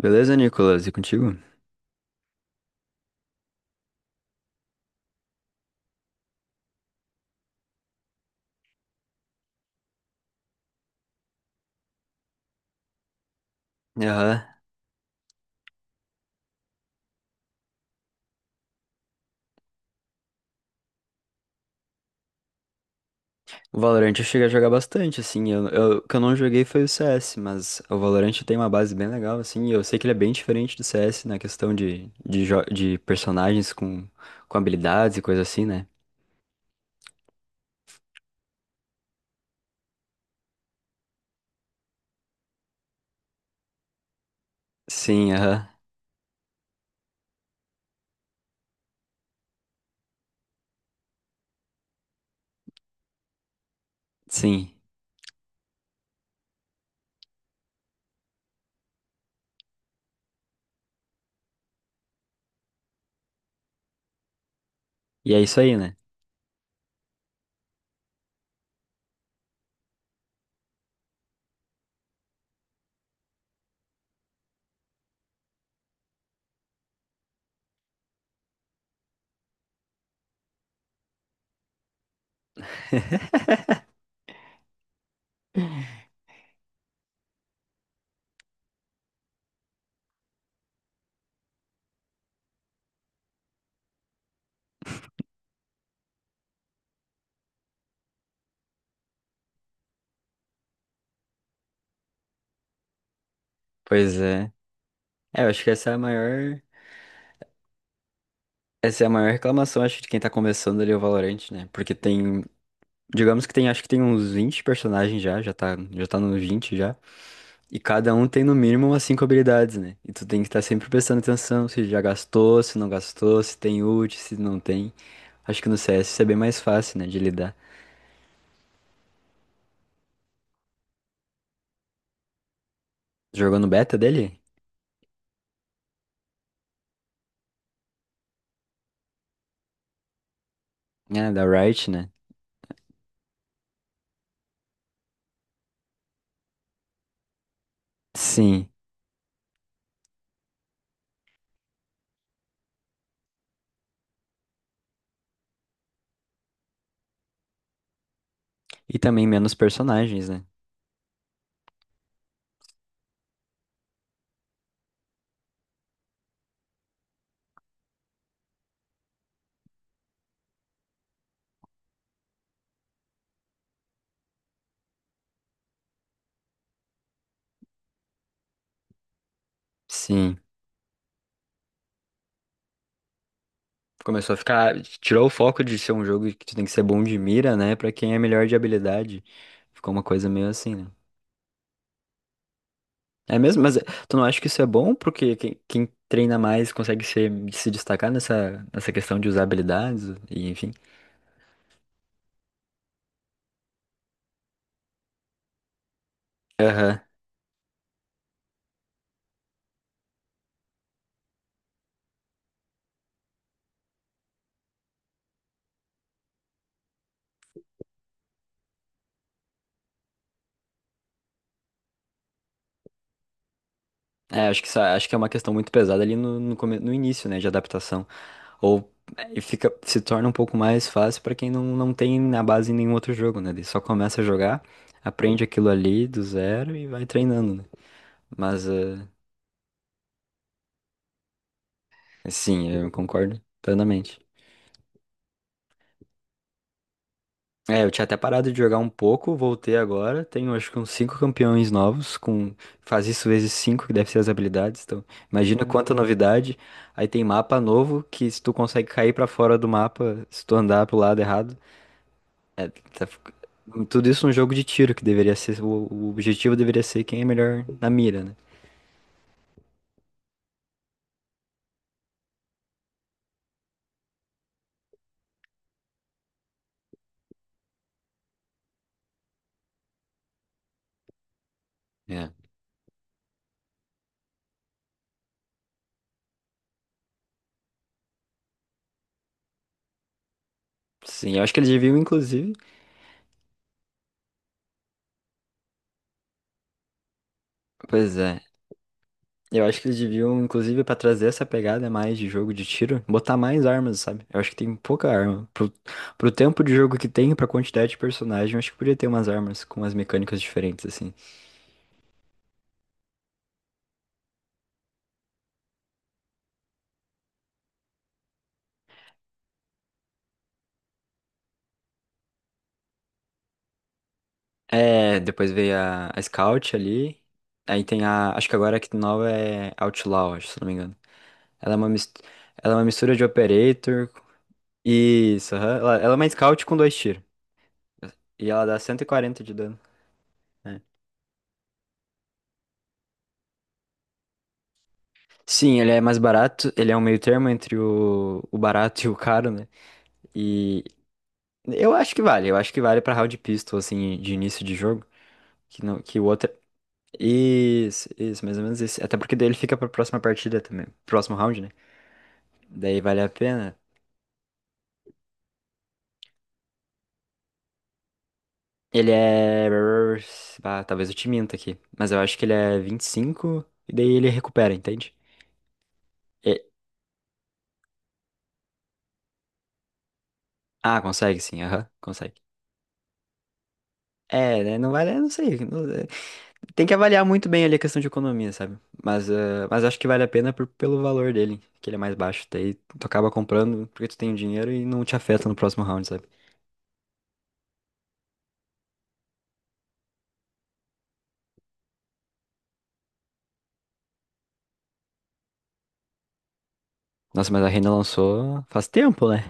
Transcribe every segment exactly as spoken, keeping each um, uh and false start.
Beleza, Nicolas? E contigo? Aham. O Valorant eu cheguei a jogar bastante, assim. Eu, eu- o que eu não joguei foi o C S, mas o Valorant tem uma base bem legal, assim. E eu sei que ele é bem diferente do C S na questão de, de, jo- de personagens com, com habilidades e coisa assim, né? Sim, aham. Sim. E é isso aí, né? Pois é. É, eu acho que essa é a maior, essa é a maior reclamação, acho, de quem tá começando ali o Valorant, né? Porque tem, digamos que tem, acho que tem uns vinte personagens já, já tá, já tá nos vinte já. E cada um tem no mínimo umas cinco habilidades, né? E tu tem que estar sempre prestando atenção se já gastou, se não gastou, se tem ult, se não tem. Acho que no C S isso é bem mais fácil, né, de lidar. Jogou no beta dele? É, da Riot, né? Sim. E também menos personagens, né? Sim. Começou a ficar. Tirou o foco de ser um jogo que tu tem que ser bom de mira, né? Pra quem é melhor de habilidade. Ficou uma coisa meio assim, né? É mesmo? Mas eh, tu não acha que isso é bom? Porque quem, quem treina mais consegue se se destacar nessa, nessa questão de usar habilidades e enfim. Aham. É, acho que, isso- acho que é uma questão muito pesada ali no, no, come- no início, né, de adaptação. Ou é, e fica, se torna um pouco mais fácil pra quem não, não tem na base em nenhum outro jogo, né? Ele só começa a jogar, aprende aquilo ali do zero e vai treinando, né? Mas, eh, sim, eu concordo plenamente. É, eu tinha até parado de jogar um pouco, voltei agora. Tenho acho que uns cinco campeões novos, com faz isso vezes cinco que deve ser as habilidades. Então, imagina quanta novidade. Aí tem mapa novo que se tu consegue cair pra fora do mapa, se tu andar pro lado errado, é, tá fic- tudo isso um jogo de tiro que deveria ser o, o objetivo deveria ser quem é melhor na mira, né? É. Sim, eu acho que eles deviam inclusive. Pois é. Eu acho que eles deviam, inclusive, pra trazer essa pegada mais de jogo de tiro, botar mais armas, sabe? Eu acho que tem pouca arma. Pro, pro tempo de jogo que tem, pra quantidade de personagem, eu acho que podia ter umas armas com umas mecânicas diferentes, assim. É, depois veio a, a Scout ali. Aí tem a. Acho que agora a que nova é Outlaw, acho, se não me engano. Ela é uma, mis- ela é uma mistura de Operator. Isso, aham. Ela, ela é uma Scout com dois tiros. E ela dá cento e quarenta de dano, né? Sim, ele é mais barato, ele é um meio termo entre o, o barato e o caro, né? E eu acho que vale, eu acho que vale pra round pistol, assim, de início de jogo, que, não, que o outro. É, Isso, isso, mais ou menos isso. Até porque daí ele fica pra próxima partida também, próximo round, né? Daí vale a pena. Ele é. Ah, talvez eu te minta aqui, mas eu acho que ele é vinte e cinco e cinco e daí ele recupera, entende? E- Ah, consegue sim, aham, consegue. É, né, não vale, eu não sei. Tem que avaliar muito bem ali a questão de economia, sabe? Mas, eh, mas acho que vale a pena por- pelo valor dele, que ele é mais baixo. Daí tu acaba comprando porque tu tem o dinheiro e não te afeta no próximo round, sabe? Nossa, mas a Reyna lançou faz tempo, né?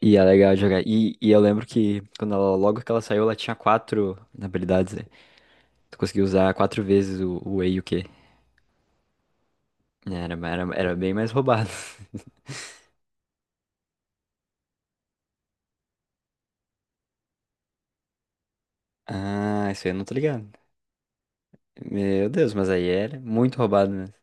E é legal jogar. E, e eu lembro que quando ela, logo que ela saiu, ela tinha quatro habilidades, né? Tu conseguia usar quatro vezes o, o E e o Q. Era, era, era bem mais roubado. Ah, isso aí eu não tô ligado. Meu Deus, mas aí era muito roubado mesmo.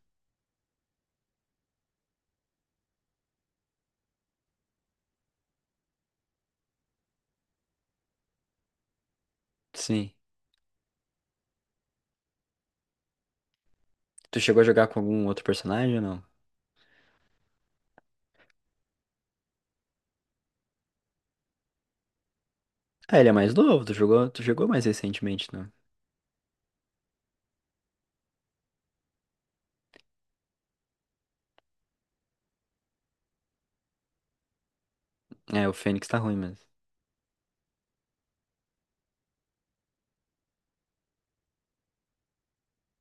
Sim. Tu chegou a jogar com algum outro personagem ou não? Ah, ele é mais novo, tu jogou, tu jogou mais recentemente, não? É, o Fênix tá ruim mas.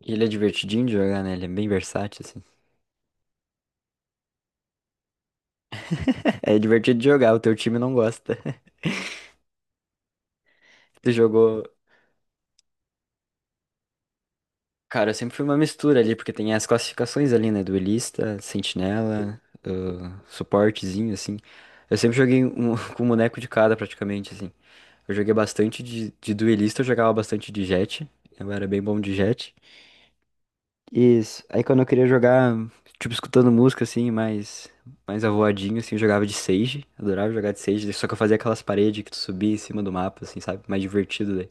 E ele é divertidinho de jogar, né? Ele é bem versátil, assim. É divertido de jogar, o teu time não gosta. Tu jogou. Cara, eu sempre fui uma mistura ali, porque tem as classificações ali, né? Duelista, sentinela, ah, suportezinho, assim. Eu sempre joguei um, com um boneco de cada, praticamente, assim. Eu joguei bastante de, de duelista, eu jogava bastante de jet. Eu era bem bom de jet. Isso. Aí quando eu queria jogar, tipo, escutando música, assim, mais, mais avoadinho, assim, eu jogava de Sage. Adorava jogar de Sage, só que eu fazia aquelas paredes que tu subia em cima do mapa, assim, sabe? Mais divertido daí.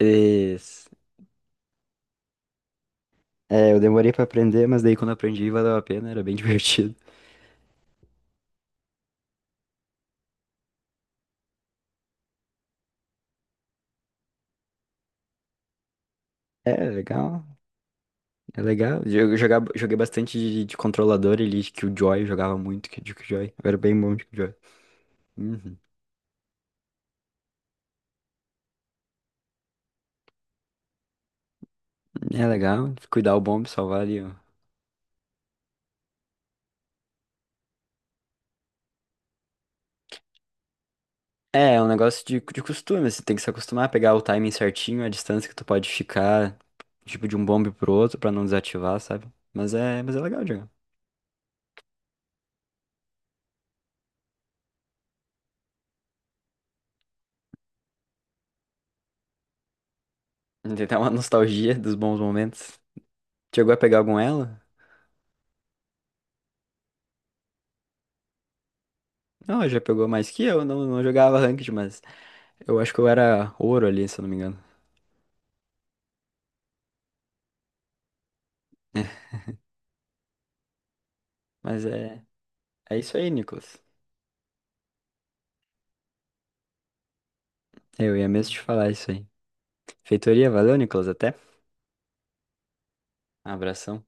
Isso. É, eu demorei pra aprender, mas daí quando eu aprendi valeu a pena, era bem divertido. É, legal. É legal. Eu jogava, joguei bastante de, de controlador ali, de Killjoy, jogava muito de Killjoy. Eu era bem bom de Killjoy. Uhum. É legal, cuidar o bomb, salvar ali. Ó, É, é um negócio de, de costume, você tem que se acostumar a pegar o timing certinho, a distância que tu pode ficar, tipo, de um bombe pro outro pra não desativar, sabe? Mas é, mas é legal, Diego. Tem até uma nostalgia dos bons momentos. Chegou a pegar algum elo? Não, já pegou mais que eu, não, não jogava ranked, mas eu acho que eu era ouro ali, se eu não me engano. Mas é, é isso aí, Nicolas. Eu ia mesmo te falar isso aí. Feitoria, valeu, Nicolas, até. Abração.